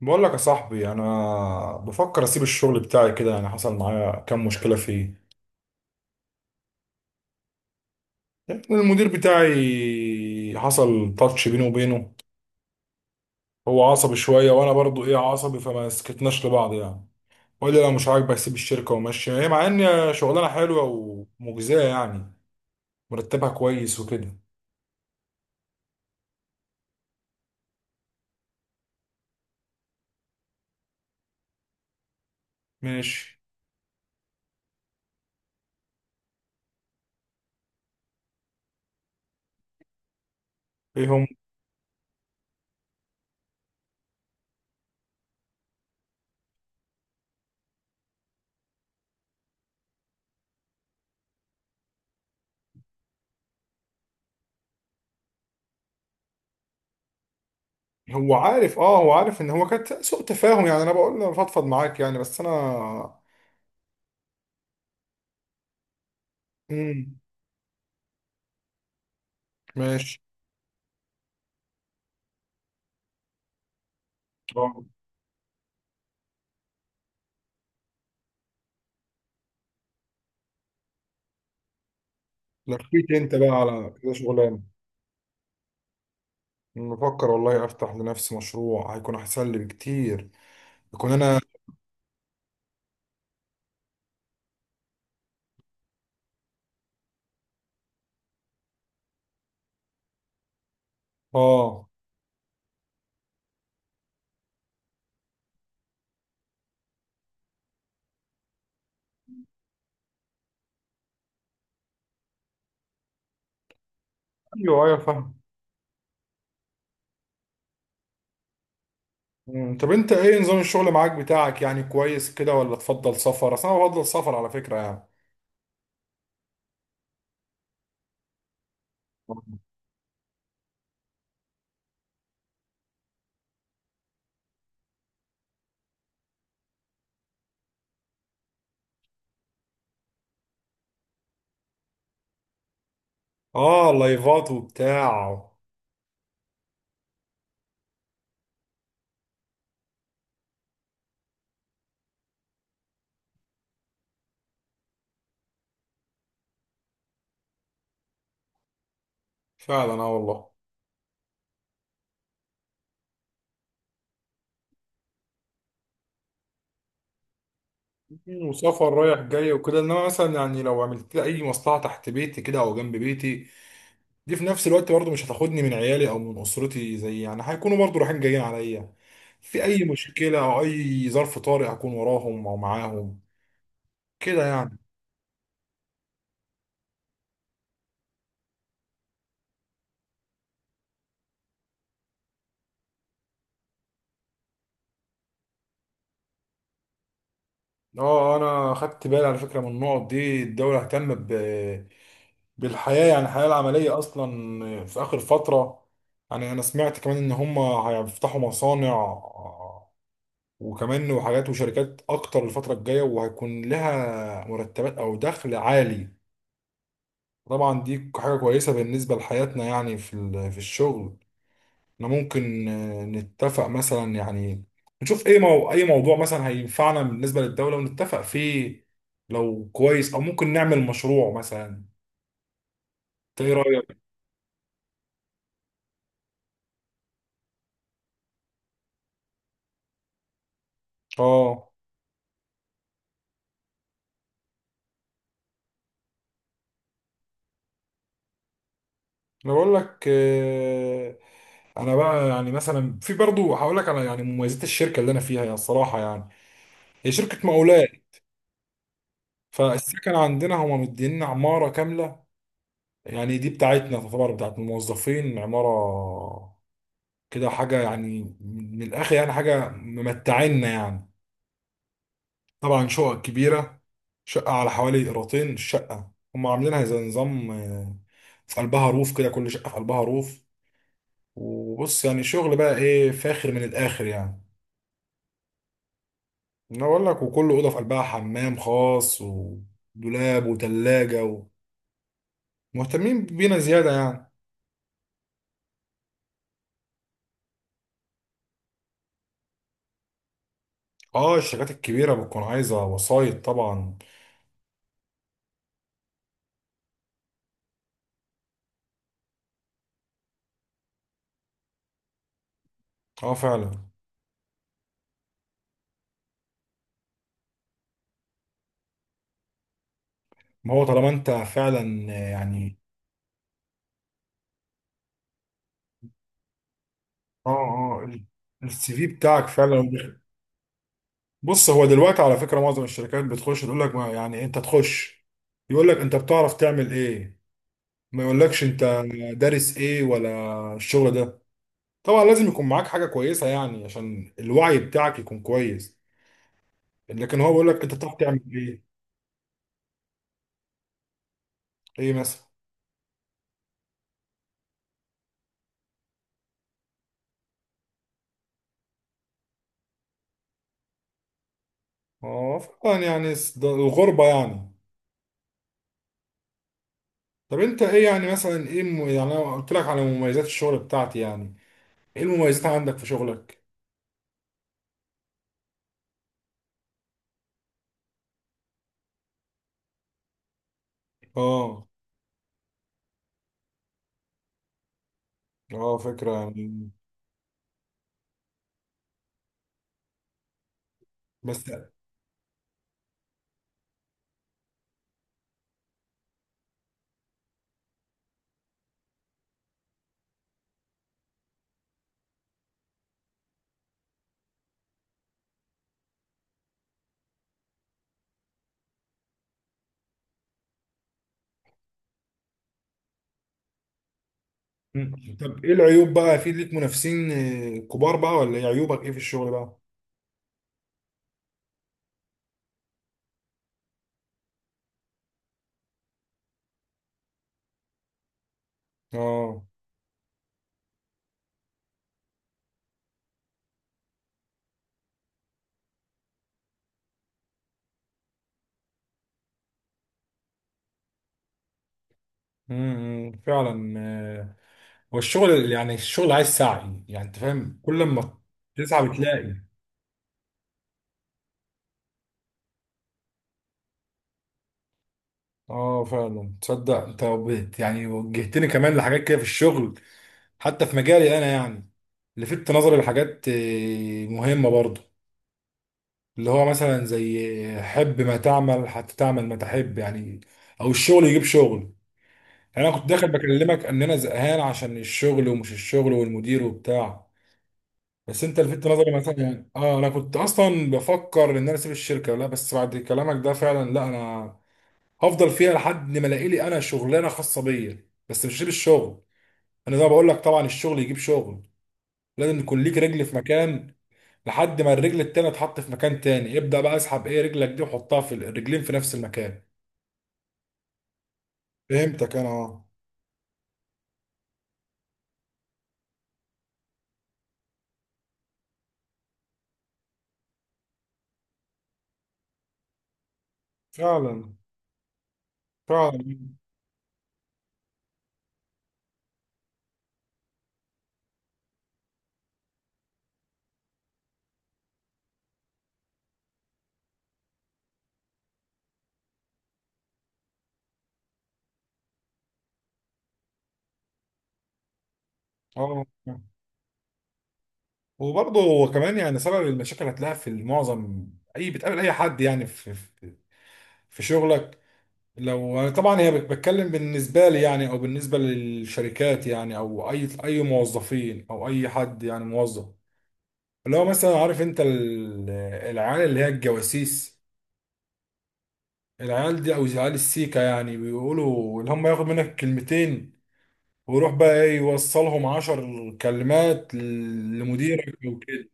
بقول لك يا صاحبي، انا بفكر اسيب الشغل بتاعي كده يعني. حصل معايا كام مشكله فيه. يعني المدير بتاعي حصل تاتش بيني وبينه. هو عصبي شويه، وانا برضو عصبي، فما سكتناش لبعض يعني. وقال لي لو مش عاجبك سيب الشركه ومشي، هي مع ان شغلانه حلوه ومجزيه يعني، مرتبها كويس وكده. ماشي. ايه هم؟ هو عارف ان هو كانت سوء تفاهم يعني. انا بقول له فضفض معاك يعني، بس انا. امم ماشي. آه. لفيت انت بقى على كده شغلانه. بفكر والله افتح لنفسي مشروع هيكون احسن لي بكتير. يكون انا اه، ايوه ايوه فاهم. طب انت ايه نظام الشغل معاك بتاعك، يعني كويس كده ولا تفضل سفر؟ اصل انا بفضل سفر على فكره يعني. اه، لايفات وبتاع. فعلا، اه والله. وسفر رايح جاي وكده، انما مثلا يعني لو عملت لي اي مصلحه تحت بيتي كده او جنب بيتي، دي في نفس الوقت برضه مش هتاخدني من عيالي او من اسرتي. زي يعني هيكونوا برضه رايحين جايين عليا في اي مشكله او اي ظرف طارئ، اكون وراهم او معاهم كده يعني. اه، انا خدت بالي على فكره من النقط دي. الدوله اهتم بالحياه، يعني الحياه العمليه اصلا في اخر فتره. يعني انا سمعت كمان ان هم هيفتحوا مصانع وكمان وحاجات وشركات اكتر الفتره الجايه، وهيكون لها مرتبات او دخل عالي. طبعا دي حاجة كويسة بالنسبة لحياتنا يعني في في الشغل. احنا ممكن آه، نتفق مثلا يعني، نشوف ايه اي موضوع مثلا هينفعنا بالنسبة للدولة ونتفق فيه لو كويس، او ممكن نعمل مشروع مثلا. انت ايه رأيك؟ اه، انا بقول لك آه، انا بقى يعني مثلا في برضو هقول لك على يعني مميزات الشركة اللي انا فيها، يعني الصراحة يعني هي شركة مقاولات. فالسكن عندنا هما مدينا عمارة كاملة. يعني دي بتاعتنا تعتبر بتاعت الموظفين عمارة كده، حاجة يعني من الآخر يعني، حاجة ممتعنا يعني. طبعا شقق كبيرة، شقة على حوالي قيراطين الشقة. هم عاملينها زي نظام آه، في قلبها روف كده، كل شقة في قلبها روف. وبص يعني شغل بقى إيه فاخر من الآخر يعني. أنا بقول لك، وكل أوضة في قلبها حمام خاص ودولاب وتلاجة، ومهتمين بينا زيادة يعني. اه، الشركات الكبيرة بتكون عايزة وسايط طبعا. اه فعلا. ما هو طالما انت فعلا يعني. اه اه. السي في بتاعك فعلا. بص هو دلوقتي على فكره معظم الشركات بتخش تقول لك، ما يعني انت تخش، يقول لك انت بتعرف تعمل ايه. ما يقولكش انت دارس ايه ولا الشغل ده. طبعا لازم يكون معاك حاجه كويسه يعني عشان الوعي بتاعك يكون كويس، لكن هو بيقول لك انت بتعرف تعمل ايه. ايه مثلا؟ اه فعلا يعني ده الغربه يعني. طب انت ايه يعني مثلا، ايه يعني انا قلت لك على مميزات الشغل بتاعتي يعني، ايه المميزات عندك في شغلك؟ اه اه فكرة يعني. بس. مم. طب ايه العيوب بقى، في ليك منافسين آه، كبار بقى، ولا ايه عيوبك ايه في الشغل بقى؟ اه. فعلا آه، هو الشغل يعني الشغل عايز سعي يعني، انت فاهم كل ما تسعى بتلاقي. اه فعلا، تصدق انت يعني وجهتني كمان لحاجات كده في الشغل، حتى في مجالي انا يعني. لفت نظري لحاجات آه، مهمة برضه، اللي هو مثلا زي حب ما تعمل حتى تعمل ما تحب يعني، او الشغل يجيب شغل. يعني انا كنت داخل بكلمك ان انا زهقان عشان الشغل ومش الشغل والمدير وبتاع. بس انت لفت نظري مثلا يعني، اه انا كنت اصلا بفكر ان انا اسيب الشركه. لا بس بعد كلامك ده فعلا لا، انا هفضل فيها لحد ما الاقي لي انا شغلانه خاصه بيا، بس مش هسيب الشغل. انا زي ما بقول لك طبعا الشغل يجيب شغل. لازم يكون ليك رجل في مكان، لحد ما الرجل التانية تحط في مكان تاني، ابدأ بقى اسحب ايه رجلك دي وحطها في الرجلين في نفس المكان. فهمتك انا. اه فعلا. فعلا. اه، وبرضه هو كمان يعني سبب المشاكل هتلاقيها في معظم اي بتقابل اي حد يعني، في في شغلك. لو طبعا هي بتكلم بالنسبه لي يعني، او بالنسبه للشركات يعني، او اي موظفين او اي حد يعني موظف، اللي هو مثلا عارف انت العيال اللي هي الجواسيس. العيال دي او عيال السيكا يعني بيقولوا، اللي هم ياخد منك كلمتين ويروح بقى ايه يوصلهم عشر كلمات لمديرك او كده.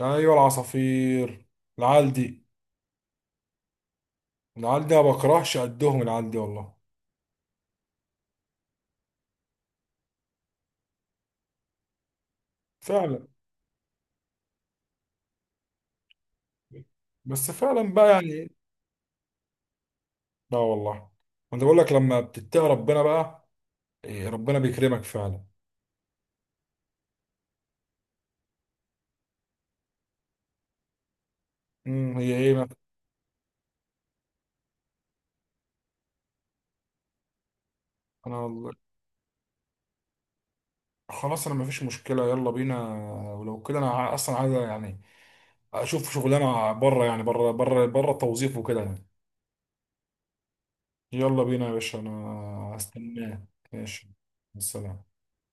ايوه العصافير. العيال دي. العيال دي ما بكرهش قدهم العيال دي والله. فعلا. بس فعلا بقى يعني. لا والله، انا بقول لك لما بتتقي ربنا بقى، إيه ربنا بيكرمك فعلا. هي ايه بقى؟ انا والله- خلاص انا مفيش مشكله، يلا بينا. ولو كده انا اصلا عايز يعني اشوف شغلانه بره، يعني بره بره بره التوظيف وكده يعني. يلا بينا يا باشا، انا هستناك. ماشي. السلام.